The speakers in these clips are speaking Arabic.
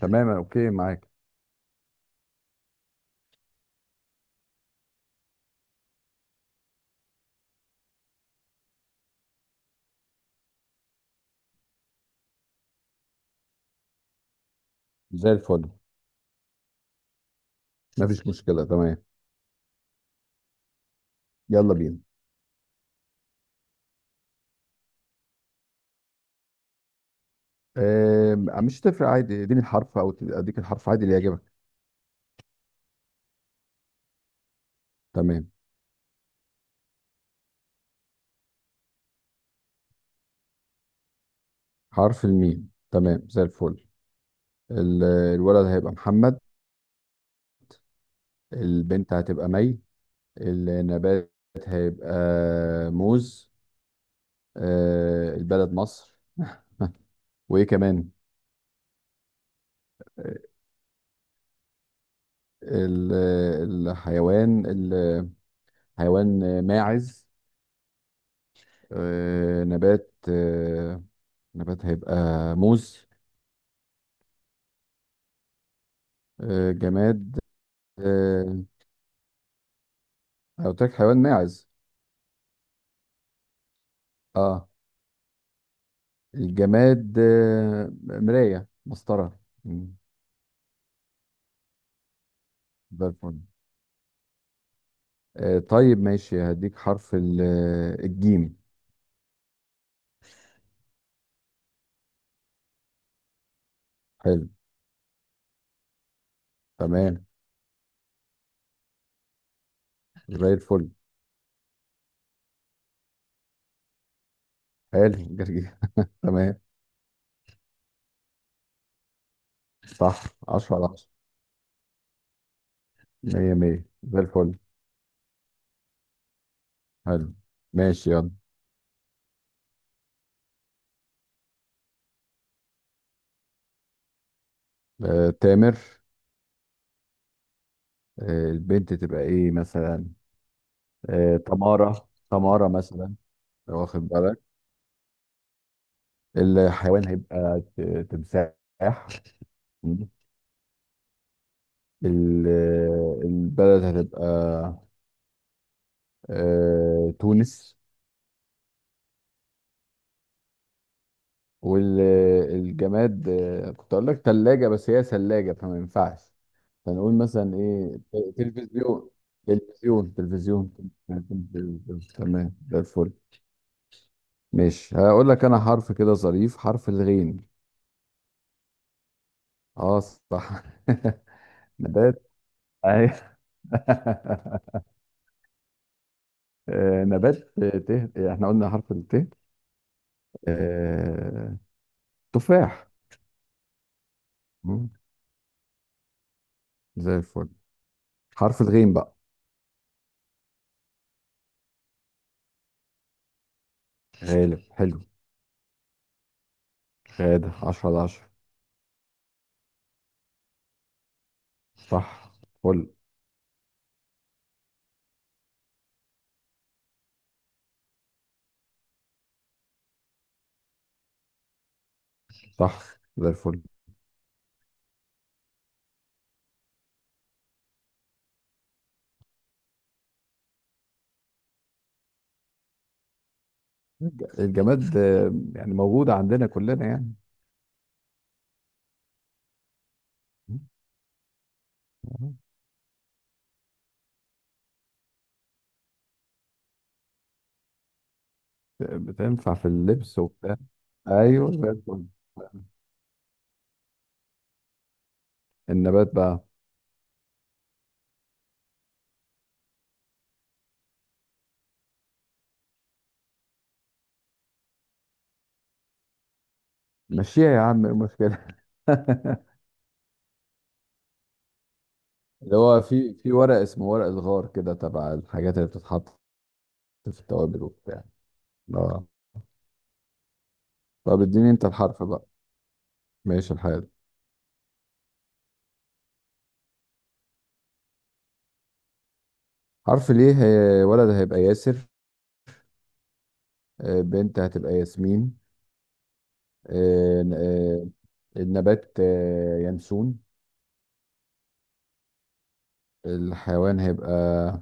تمام، اوكي معاك. زي الفل، مفيش مشكله. تمام، يلا بينا. آه مش تفرق، عادي اديني الحرف او اديك الحرف عادي اللي يعجبك. تمام، حرف الميم. تمام، زي الفل. ال- الولد هيبقى محمد. البنت هتبقى مي. النبات هيبقى موز. البلد مصر. وايه كمان. ال- الحيوان الحيوان ماعز. آه، نبات آه، نبات هيبقى موز. آه، جماد آه، أنا قلت لك حيوان ماعز. اه الجماد، مراية مسطرة. مم، زي الفل. طيب ماشي، هديك حرف الجيم. حلو. تمام، زي الفل. حلو، جرجير. تمام، صح. 10 على 10. 100 100، زي الفل. حلو، ماشي يلا. تامر. البنت تبقى ايه مثلا؟ تمارة، تمارة مثلا. واخد بالك؟ الحيوان هيبقى تمساح. مم. ال- البلد هتبقى تونس. والجماد، كنت اقول لك ثلاجة بس هي ثلاجة فما ينفعش. فنقول مثلا ايه، تلفزيون، تلفزيون، تلفزيون، تلفزيون. تمام، ده الفل. ماشي، هقول لك انا حرف كده ظريف، حرف الغين. اه صح. نبات اهي. آه، نبات آه، ته احنا قلنا حرف الت. آه، تفاح. مم، زي الفل. حرف الغين بقى. غالب، حلو. غادة، 10 على 10. صح، فل. صح، زي الفل. الجماد، يعني موجودة عندنا كلنا يعني. مم. بتنفع في اللبس وبتاع. ايوه، زي الفل. النبات بقى، مشيها يا عم، ايه المشكلة؟ اللي هو في ورق اسمه ورق الغار، كده تبع الحاجات اللي بتتحط في التوابل وبتاع. اه. طب اديني انت الحرف بقى. ماشي الحال. حرف ليه، ولد هيبقى ياسر. بنت هتبقى ياسمين. آه، ن- آه، النبات ينسون. الحيوان هيبقى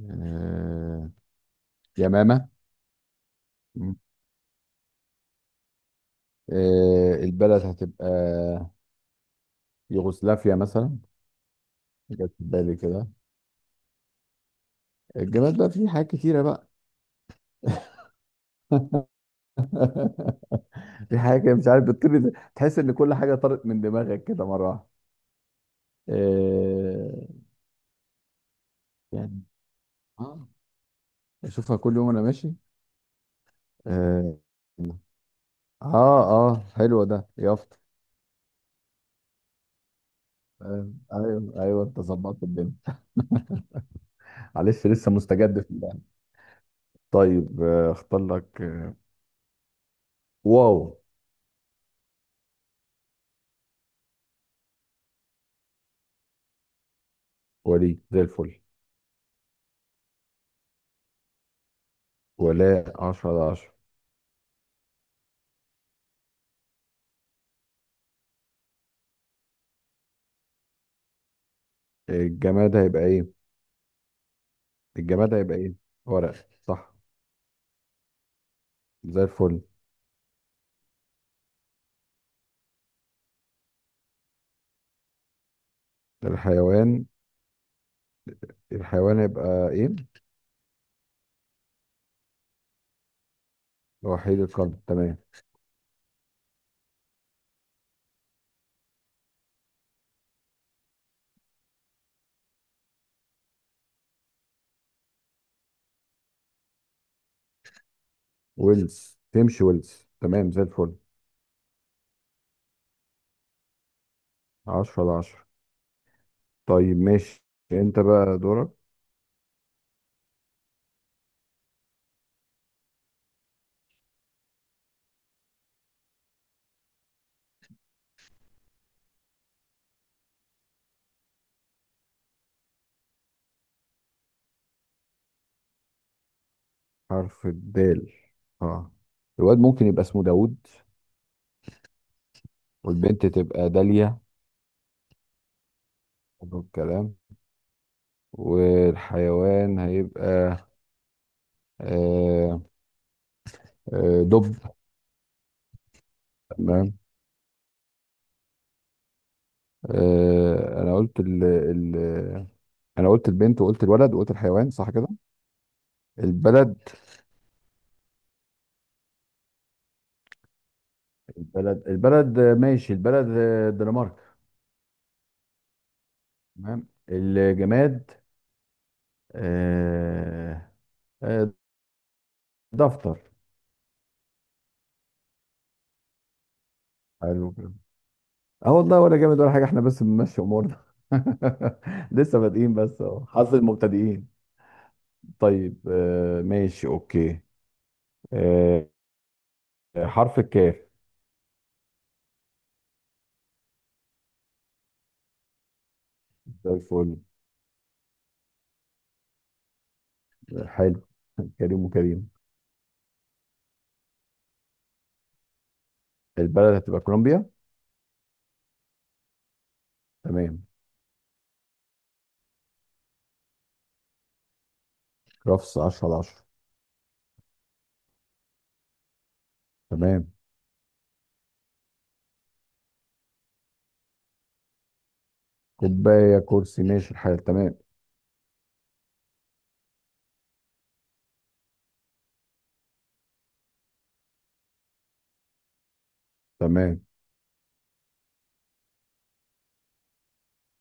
آه، يمامة. م. البلد هتبقى يوغوسلافيا مثلا، جت في بالي كده. الجماد بقى فيه حاجات كتيرة بقى. في حاجة كده مش عارف بتطير إزاي. تحس ان كل حاجة طارت من دماغك كده مرة واحدة. آه، يعني. آه. بشوفها كل يوم انا ماشي. اه، اه. حلو، ده يافطة. ايوه، ايوه، انت ظبطت الدنيا. معلش، لسه مستجد في اللعبه. طيب، اختار لك واو. وليد، زي الفل. ولا، 10 على 10. الجماد هيبقى ايه الجماد هيبقى ايه؟ ورق. صح، زي الفل. الحيوان الحيوان هيبقى ايه؟ وحيد القرن. تمام. ويلز، تمشي ويلز. تمام، زي الفل. 10 على 10. طيب ماشي، انت بقى دورك. حرف الدال. اه، الواد ممكن يبقى اسمه داوود. والبنت تبقى داليا. حلو الكلام. والحيوان هيبقى آه، دب. تمام. آه، انا قلت ال ال انا قلت البنت وقلت الولد وقلت الحيوان، صح كده؟ البلد البلد، ماشي. البلد الدنمارك. تمام. الجماد آه، آه، دفتر. حلو. اه والله، ولا جامد ولا حاجه، احنا بس بنمشي امورنا. لسه بادئين بس اهو، حظ المبتدئين. طيب ماشي، اوكي. آه حرف الكاف. زي الفل. حلو. كريم وكريم. البلد هتبقى كولومبيا. تمام. رفس، 10 على 10. تمام. كوبايه، كرسي، ماشي الحال. تمام. تمام،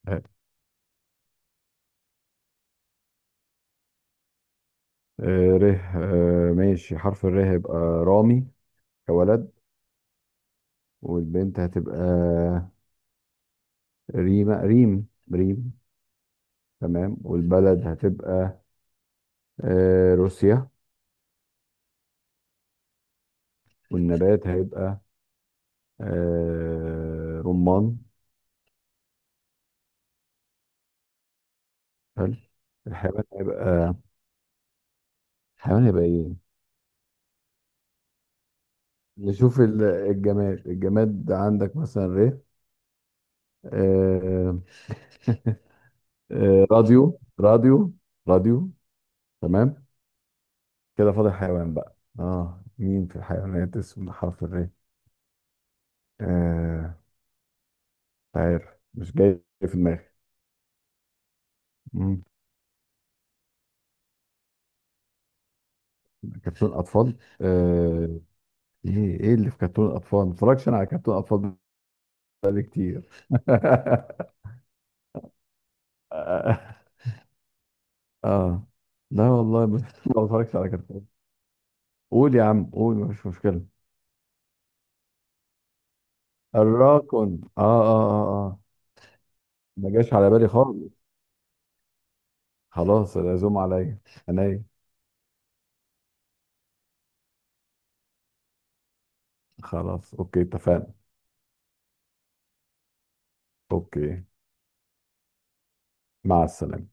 آه ر آه ماشي، حرف الر هيبقى رامي كولد. والبنت هتبقى ريما، ريم، ريم. تمام. والبلد هتبقى روسيا. والنبات هيبقى رمان. حلو. الحيوان هيبقى الحيوان هيبقى ايه؟ نشوف، الجماد عندك مثلا ريه. آه، راديو، راديو، راديو. تمام. كده فاضل حيوان بقى. اه، مين في الحيوانات اسمه حرف الري؟ آه مش عارف، مش جاي في دماغي. مم. كرتون اطفال، ايه اللي في كرتون الاطفال؟ ما اتفرجش انا على كرتون اطفال بقالي كتير. اه، لا والله، ما بتفرجش على كرتون. قول يا عم، قول، مفيش مشكلة. الراكون، اه، اه، اه، اه. ما جاش على بالي خالص. خلاص، العزوم عليا. عينيا. خلاص، اوكي، اتفقنا. اوكي، مع السلامة.